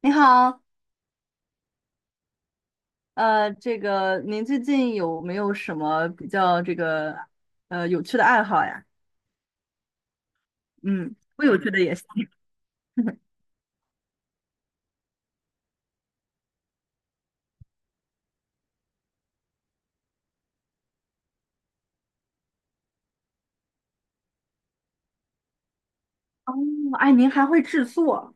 你好。这个您最近有没有什么比较有趣的爱好呀？嗯，不有趣的也行。哦，哎，您还会制作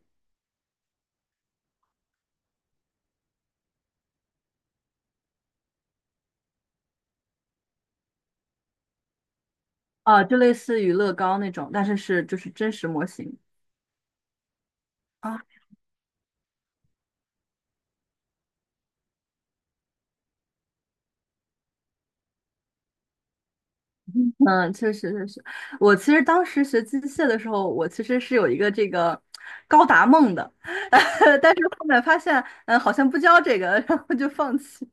啊？就类似于乐高那种，但是真实模型。啊，嗯，确实，我其实当时学机械的时候，我其实是有一个这个高达梦的，但是后面发现，嗯，好像不教这个，然后就放弃。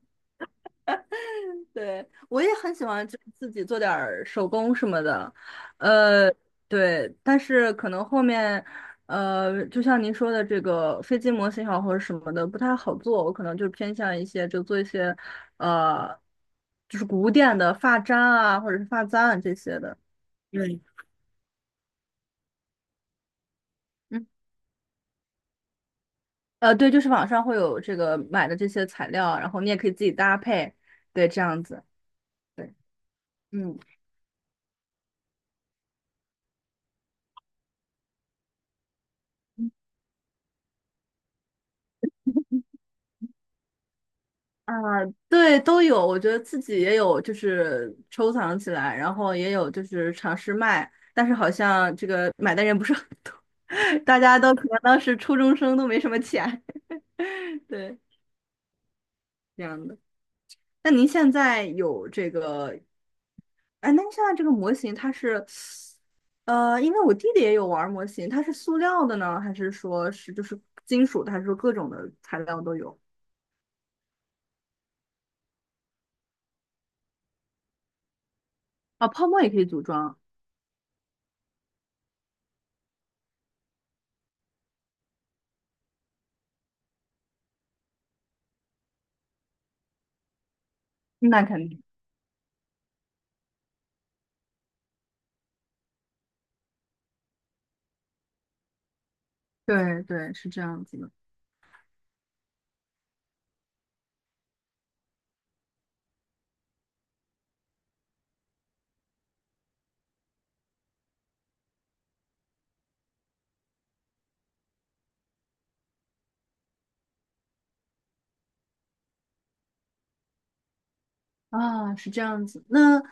对，我也很喜欢就自己做点儿手工什么的。呃，对，但是可能后面，就像您说的这个飞机模型也好或者什么的不太好做，我可能就偏向一些就做一些，呃，就是古典的发簪啊或者是发簪啊这些的。对。嗯。对，就是网上会有这个买的这些材料，然后你也可以自己搭配，对，这样子。对。嗯。啊，对，都有。我觉得自己也有，就是收藏起来，然后也有就是尝试卖，但是好像这个买的人不是很多，大家都可能当时初中生都没什么钱，对，这样的。那您现在有这个，哎，那您现在这个模型它是，因为我弟弟也有玩儿模型，它是塑料的呢，还是说金属的，还是说各种的材料都有？啊，泡沫也可以组装。那肯定。对对，是这样子的。啊，是这样子。那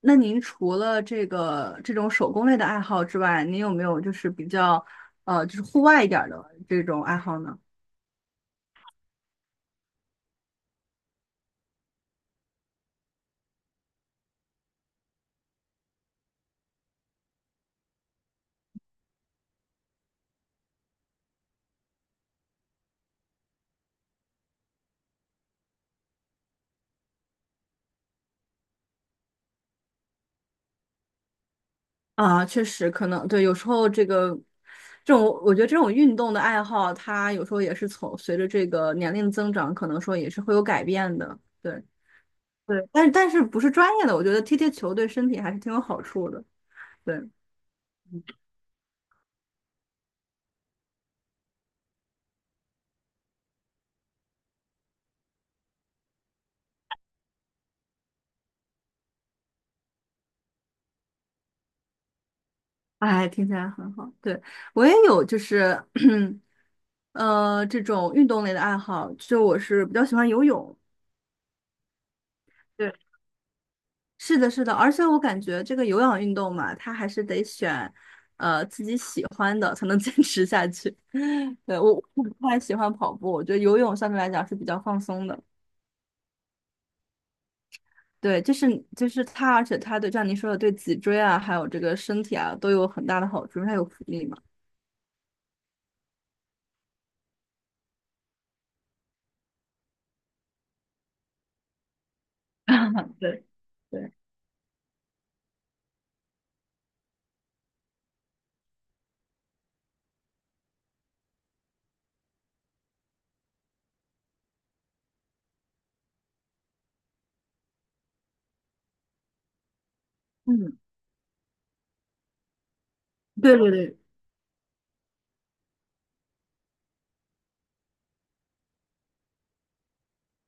那您除了这个这种手工类的爱好之外，您有没有就是比较就是户外一点儿的这种爱好呢？啊，确实可能对，有时候这种我觉得这种运动的爱好，它有时候也是从随着这个年龄增长，可能说也是会有改变的。对。对，但不是专业的，我觉得踢踢球对身体还是挺有好处的。对。哎，听起来很好。对，我也有就是。这种运动类的爱好，就我是比较喜欢游泳。对，是的，是的，而且我感觉这个有氧运动嘛，它还是得选，自己喜欢的才能坚持下去。对，我不太喜欢跑步，我觉得游泳相对来讲是比较放松的。对，就是它，而且它对，像您说的，对脊椎啊，还有这个身体啊，都有很大的好处，因为它有浮力嘛。对对。嗯。对对对。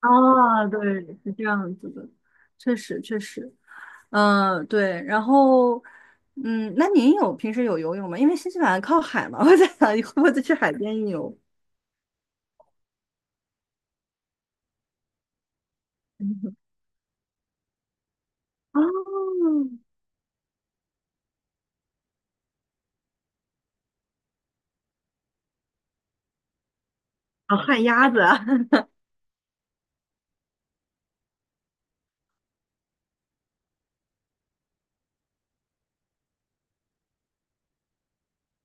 哦，对，是这样子的，确实确实。嗯、对，然后，嗯，那您有平时有游泳吗？因为新西兰靠海嘛，我在想你会不会再去海边游？哦。哦，旱鸭子啊。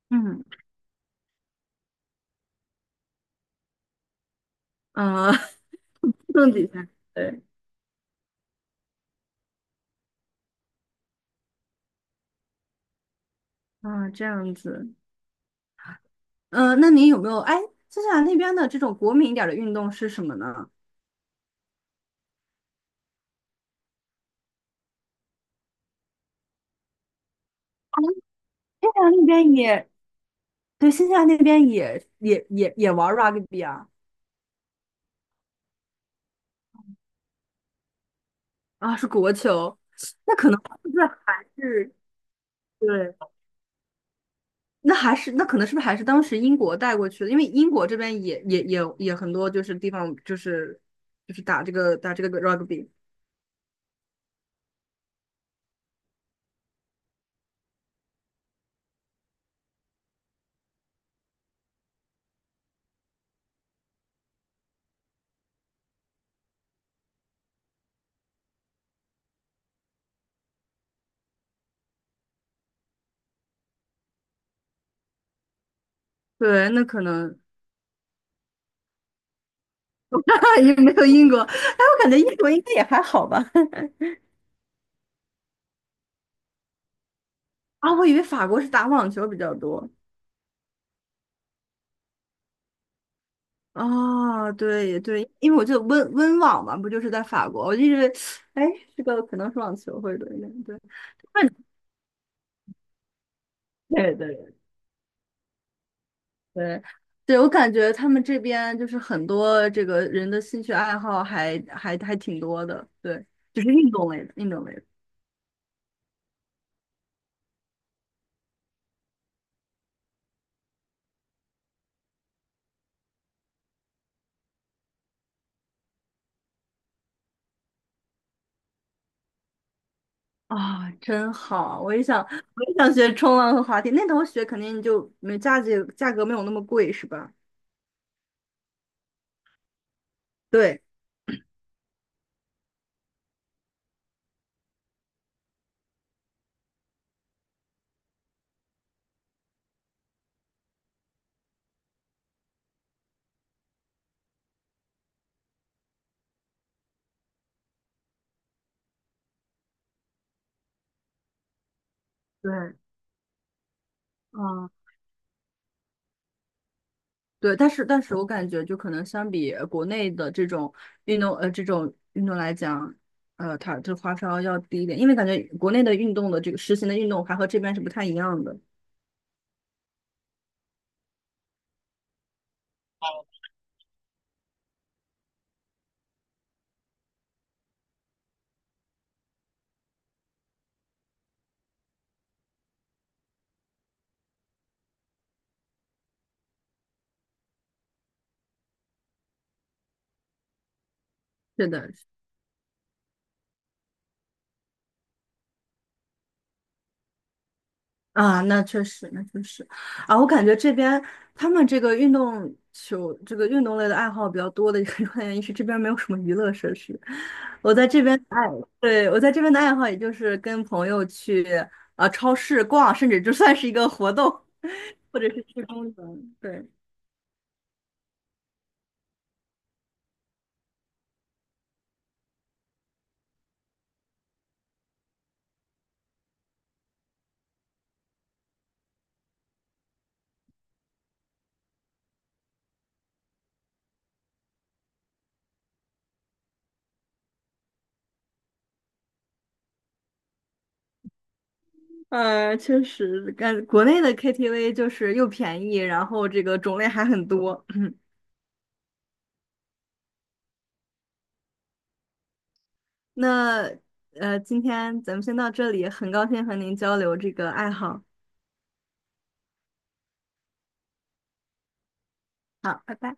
嗯。呃，弄几下，对。啊，这样子。嗯，那您有没有？哎，新西兰那边的这种国民一点儿的运动是什么呢？新西兰那边也，对，新西兰那边也玩 rugby 啊。啊，是国球。那可能是不是还是对？那还是那可能是不是还是当时英国带过去的？因为英国这边也很多，就是地方打这个 rugby。对，那可能 也没有英国，哎，我感觉英国应该也还好吧。啊，我以为法国是打网球比较多。啊，对对，因为我记得温网嘛，不就是在法国？我就一直，哎，这个可能是网球会多一点。对。对对对。对，我感觉他们这边就是很多这个人的兴趣爱好还挺多的，对，就是运动类的，运动类的。啊，真好！我也想，我也想学冲浪和滑梯，那头学肯定就没价格没有那么贵，是吧？对对。嗯，对，但是我感觉就可能相比国内的这种这种运动来讲，它这花销要低一点，因为感觉国内的运动的这个实行的运动还和这边是不太一样的。是的。啊，那确实，那确实。啊，我感觉这边他们这个运动球，这个运动类的爱好比较多的一个原因是这边没有什么娱乐设施。我在这边的爱，对，我在这边的爱好也就是跟朋友去啊超市逛，甚至就算是一个活动，或者是去公园。对。呃，确实，感国内的 KTV 就是又便宜，然后这个种类还很多。那今天咱们先到这里，很高兴和您交流这个爱好。好，拜拜。